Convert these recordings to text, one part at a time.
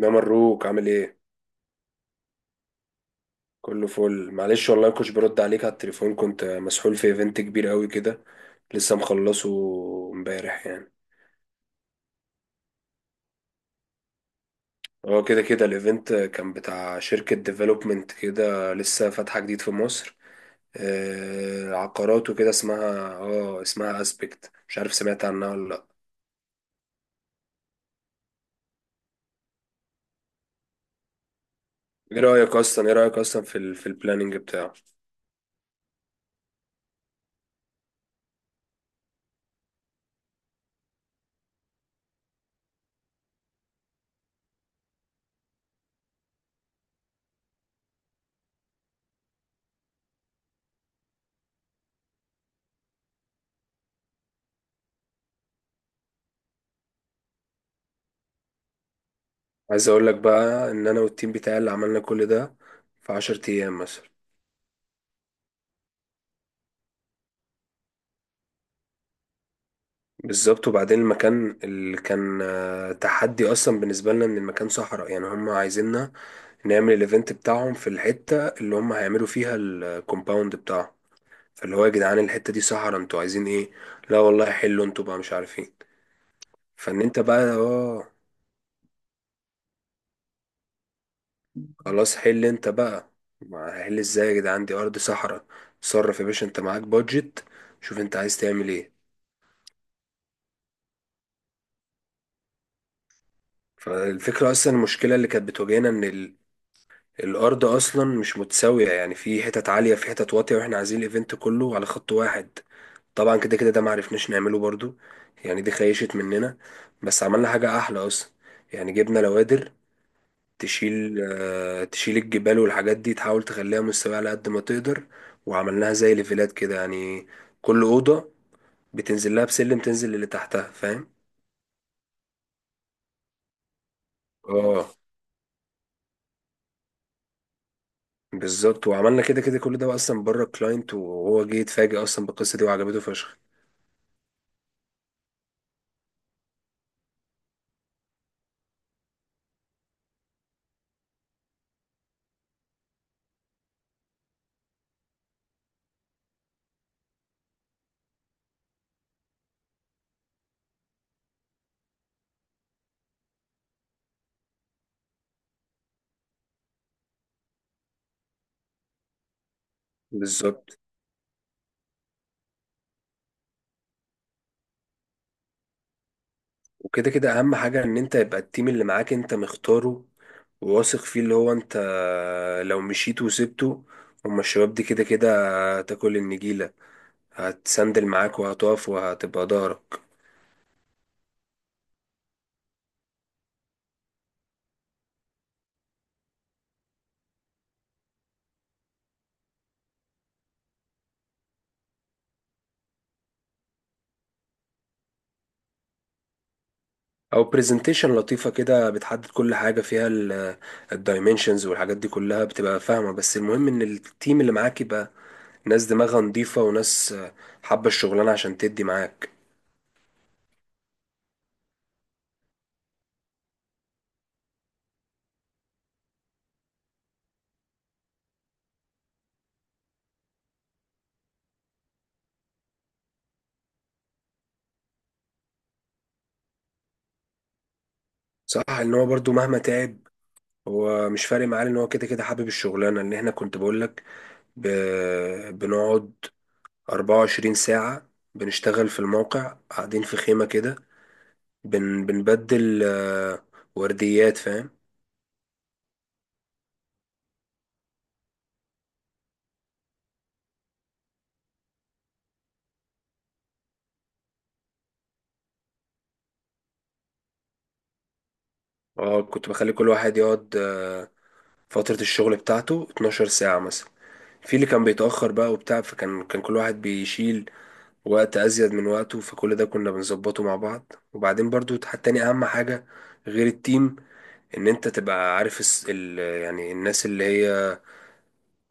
ده مروك عامل ايه؟ كله فل، معلش والله مكنتش برد عليك على التليفون، كنت مسحول في ايفنت كبير قوي كده، لسه مخلصه امبارح يعني. هو كده كده الايفنت كان بتاع شركة ديفلوبمنت كده لسه فاتحة جديد في مصر. آه، عقارات وكده، اسمها اسبكت، مش عارف سمعت عنها ولا لا. ايه رأيك اصلا في البلاننج بتاعه؟ عايز اقول لك بقى ان انا والتيم بتاعي اللي عملنا كل ده في 10 ايام مثلا. بالظبط، وبعدين المكان اللي كان تحدي اصلا بالنسبه لنا، ان المكان صحراء يعني، هم عايزيننا نعمل الايفنت بتاعهم في الحته اللي هم هيعملوا فيها الكومباوند بتاعهم. فاللي هو يا جدعان الحته دي صحراء، انتوا عايزين ايه؟ لا والله، حلوا انتوا بقى، مش عارفين. فان انت بقى خلاص، حل انت بقى. ما هحل ازاي يا جدعان، دي ارض صحراء. صرف يا باشا، انت معاك بادجت، شوف انت عايز تعمل ايه. فالفكره اصلا، المشكله اللي كانت بتواجهنا ان الارض اصلا مش متساويه، يعني في حتت عاليه في حتت واطيه، واحنا عايزين الايفنت كله على خط واحد. طبعا كده كده ده معرفناش نعمله برضو، يعني دي خيشت مننا. بس عملنا حاجه احلى اصلا، يعني جبنا لوادر تشيل الجبال والحاجات دي، تحاول تخليها مستويه على قد ما تقدر، وعملناها زي ليفلات كده يعني، كل اوضه بتنزل لها بسلم تنزل اللي تحتها، فاهم. اه بالظبط. وعملنا كده كده كل ده اصلا بره الكلاينت، وهو جه يتفاجئ اصلا بالقصه دي وعجبته فشخ. بالظبط، وكده كده اهم حاجة ان انت يبقى التيم اللي معاك انت مختاره وواثق فيه، اللي هو انت لو مشيت وسبته، هما الشباب دي كده كده هتاكل النجيلة، هتسندل معاك وهتقف وهتبقى ظهرك. او برزنتيشن لطيفة كده بتحدد كل حاجة فيها، الدايمنشنز والحاجات دي كلها بتبقى فاهمة. بس المهم ان التيم اللي معاك يبقى ناس دماغها نظيفة، وناس حابة الشغلانة عشان تدي معاك. صح. ان هو برضو مهما تعب هو مش فارق معاه، ان هو كده كده حابب الشغلانه. ان احنا كنت بقول لك، ب... بنقعد 24 ساعه بنشتغل في الموقع، قاعدين في خيمه كده، بنبدل ورديات، فاهم. اه كنت بخلي كل واحد يقعد فتره الشغل بتاعته 12 ساعه مثلا. في اللي كان بيتاخر بقى وبتاع، فكان كل واحد بيشيل وقت ازيد من وقته، فكل ده كنا بنظبطه مع بعض. وبعدين برضو تاني اهم حاجه غير التيم، ان انت تبقى عارف يعني الناس اللي هي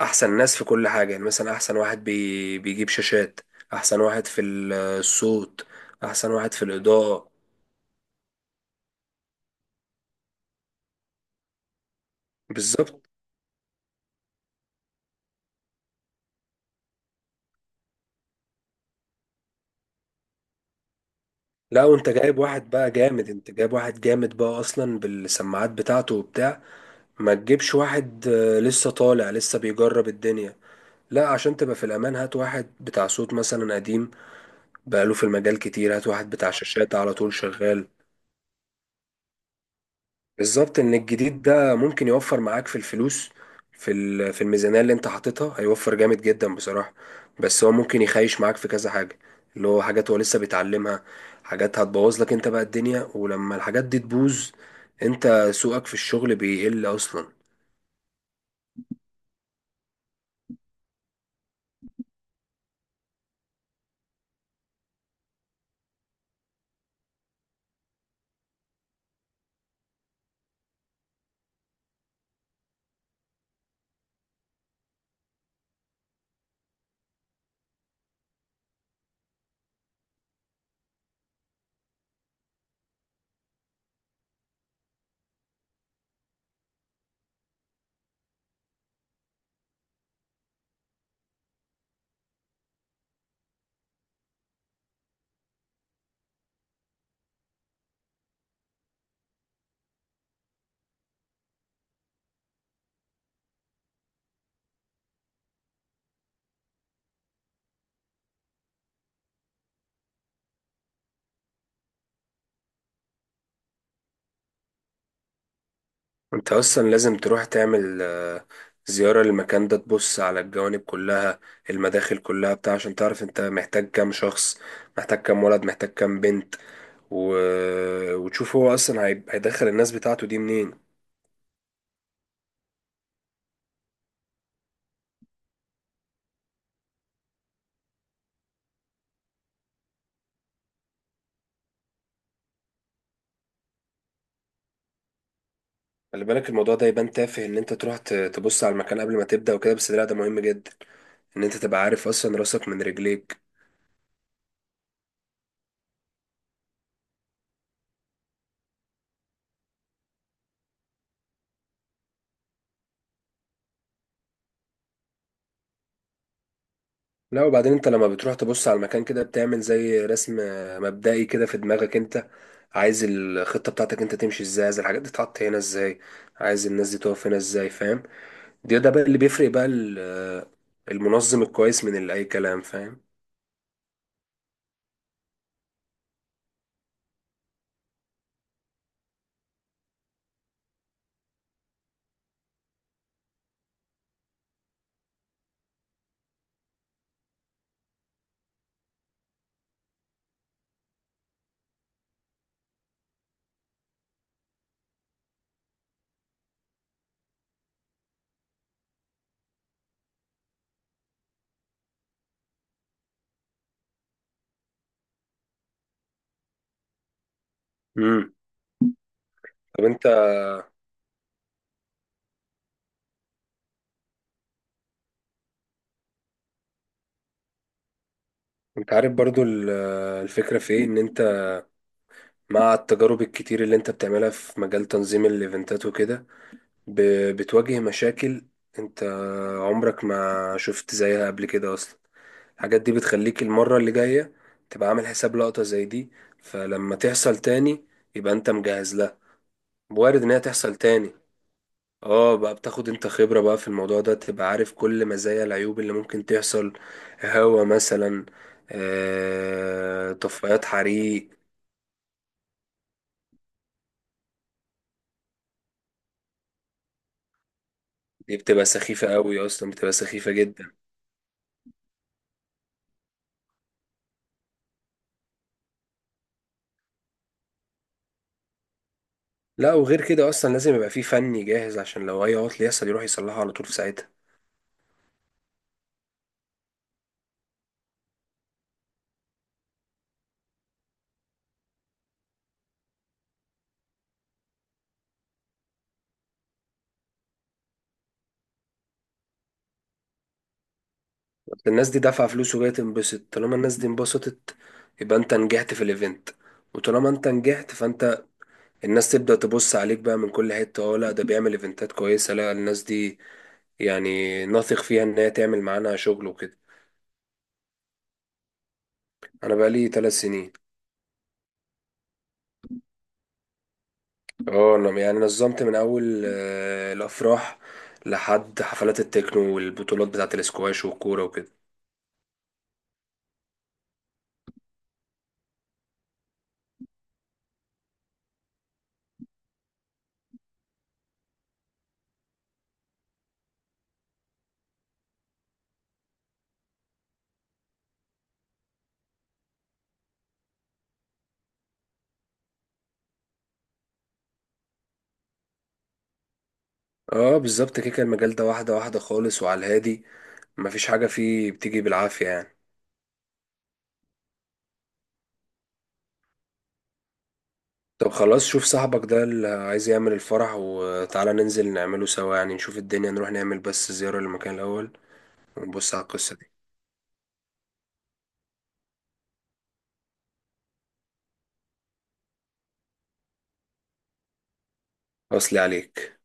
احسن ناس في كل حاجة. يعني مثلا احسن واحد بيجيب شاشات، احسن واحد في الصوت، احسن واحد في الاضاءة. بالظبط. لا وانت جايب واحد بقى جامد، انت جايب واحد جامد بقى اصلا بالسماعات بتاعته وبتاع. ما تجيبش واحد لسه طالع لسه بيجرب الدنيا. لا عشان تبقى في الامان، هات واحد بتاع صوت مثلا قديم بقاله في المجال كتير، هات واحد بتاع شاشات على طول شغال. بالظبط، ان الجديد ده ممكن يوفر معاك في الفلوس، في الميزانية اللي انت حاططها، هيوفر جامد جدا بصراحة. بس هو ممكن يخيش معاك في كذا حاجة، اللي هو حاجات هو لسه بيتعلمها، حاجات هتبوظ لك انت بقى الدنيا، ولما الحاجات دي تبوظ انت سوقك في الشغل بيقل اصلا. انت اصلا لازم تروح تعمل زيارة للمكان ده، تبص على الجوانب كلها، المداخل كلها بتاع، عشان تعرف انت محتاج كام شخص، محتاج كام ولد، محتاج كام بنت، و... وتشوف هو اصلا هيدخل الناس بتاعته دي منين. خلي بالك الموضوع ده يبان تافه، ان انت تروح تبص على المكان قبل ما تبدأ وكده، بس لا ده مهم جدا، ان انت تبقى عارف اصلا راسك من رجليك. لا وبعدين انت لما بتروح تبص على المكان كده، بتعمل زي رسم مبدئي كده في دماغك، انت عايز الخطة بتاعتك انت تمشي ازاي، عايز الحاجات دي تتحط هنا ازاي، عايز الناس دي تقف هنا ازاي، فاهم. ده بقى اللي بيفرق بقى المنظم الكويس من اللي اي كلام، فاهم. امم. طب انت عارف برضو الفكرة في ايه، ان انت مع التجارب الكتير اللي انت بتعملها في مجال تنظيم الايفنتات وكده، بتواجه مشاكل انت عمرك ما شفت زيها قبل كده اصلا، الحاجات دي بتخليك المرة اللي جاية تبقى عامل حساب لقطة زي دي، فلما تحصل تاني يبقى انت مجهز لها، وارد ان هي تحصل تاني. اه بقى، بتاخد انت خبرة بقى في الموضوع ده، تبقى عارف كل مزايا العيوب اللي ممكن تحصل، هوا مثلا طفايات حريق. دي بتبقى سخيفة قوي اصلا، بتبقى سخيفة جدا. لا وغير كده اصلا لازم يبقى فيه فني جاهز عشان لو اي عطل يحصل يروح يصلحه على طول في ساعتها. أصل الناس دي دافعة فلوس وجاية تنبسط، طالما الناس دي انبسطت يبقى انت نجحت في الايفنت، وطالما انت نجحت فانت الناس تبدأ تبص عليك بقى من كل حتة، اه لا ده بيعمل ايفنتات كويسة، لا الناس دي يعني نثق فيها ان هي تعمل معانا شغل وكده. انا بقالي 3 سنين. اه انا يعني نظمت من اول الافراح لحد حفلات التكنو والبطولات بتاعه الاسكواش والكوره وكده. اه بالظبط كده، كان المجال ده واحده واحده خالص وعلى الهادي، مفيش حاجه فيه بتيجي بالعافيه يعني. طب خلاص، شوف صاحبك ده اللي عايز يعمل الفرح وتعالى ننزل نعمله سوا، يعني نشوف الدنيا، نروح نعمل بس زياره للمكان الاول ونبص على القصه دي. اصلي عليك.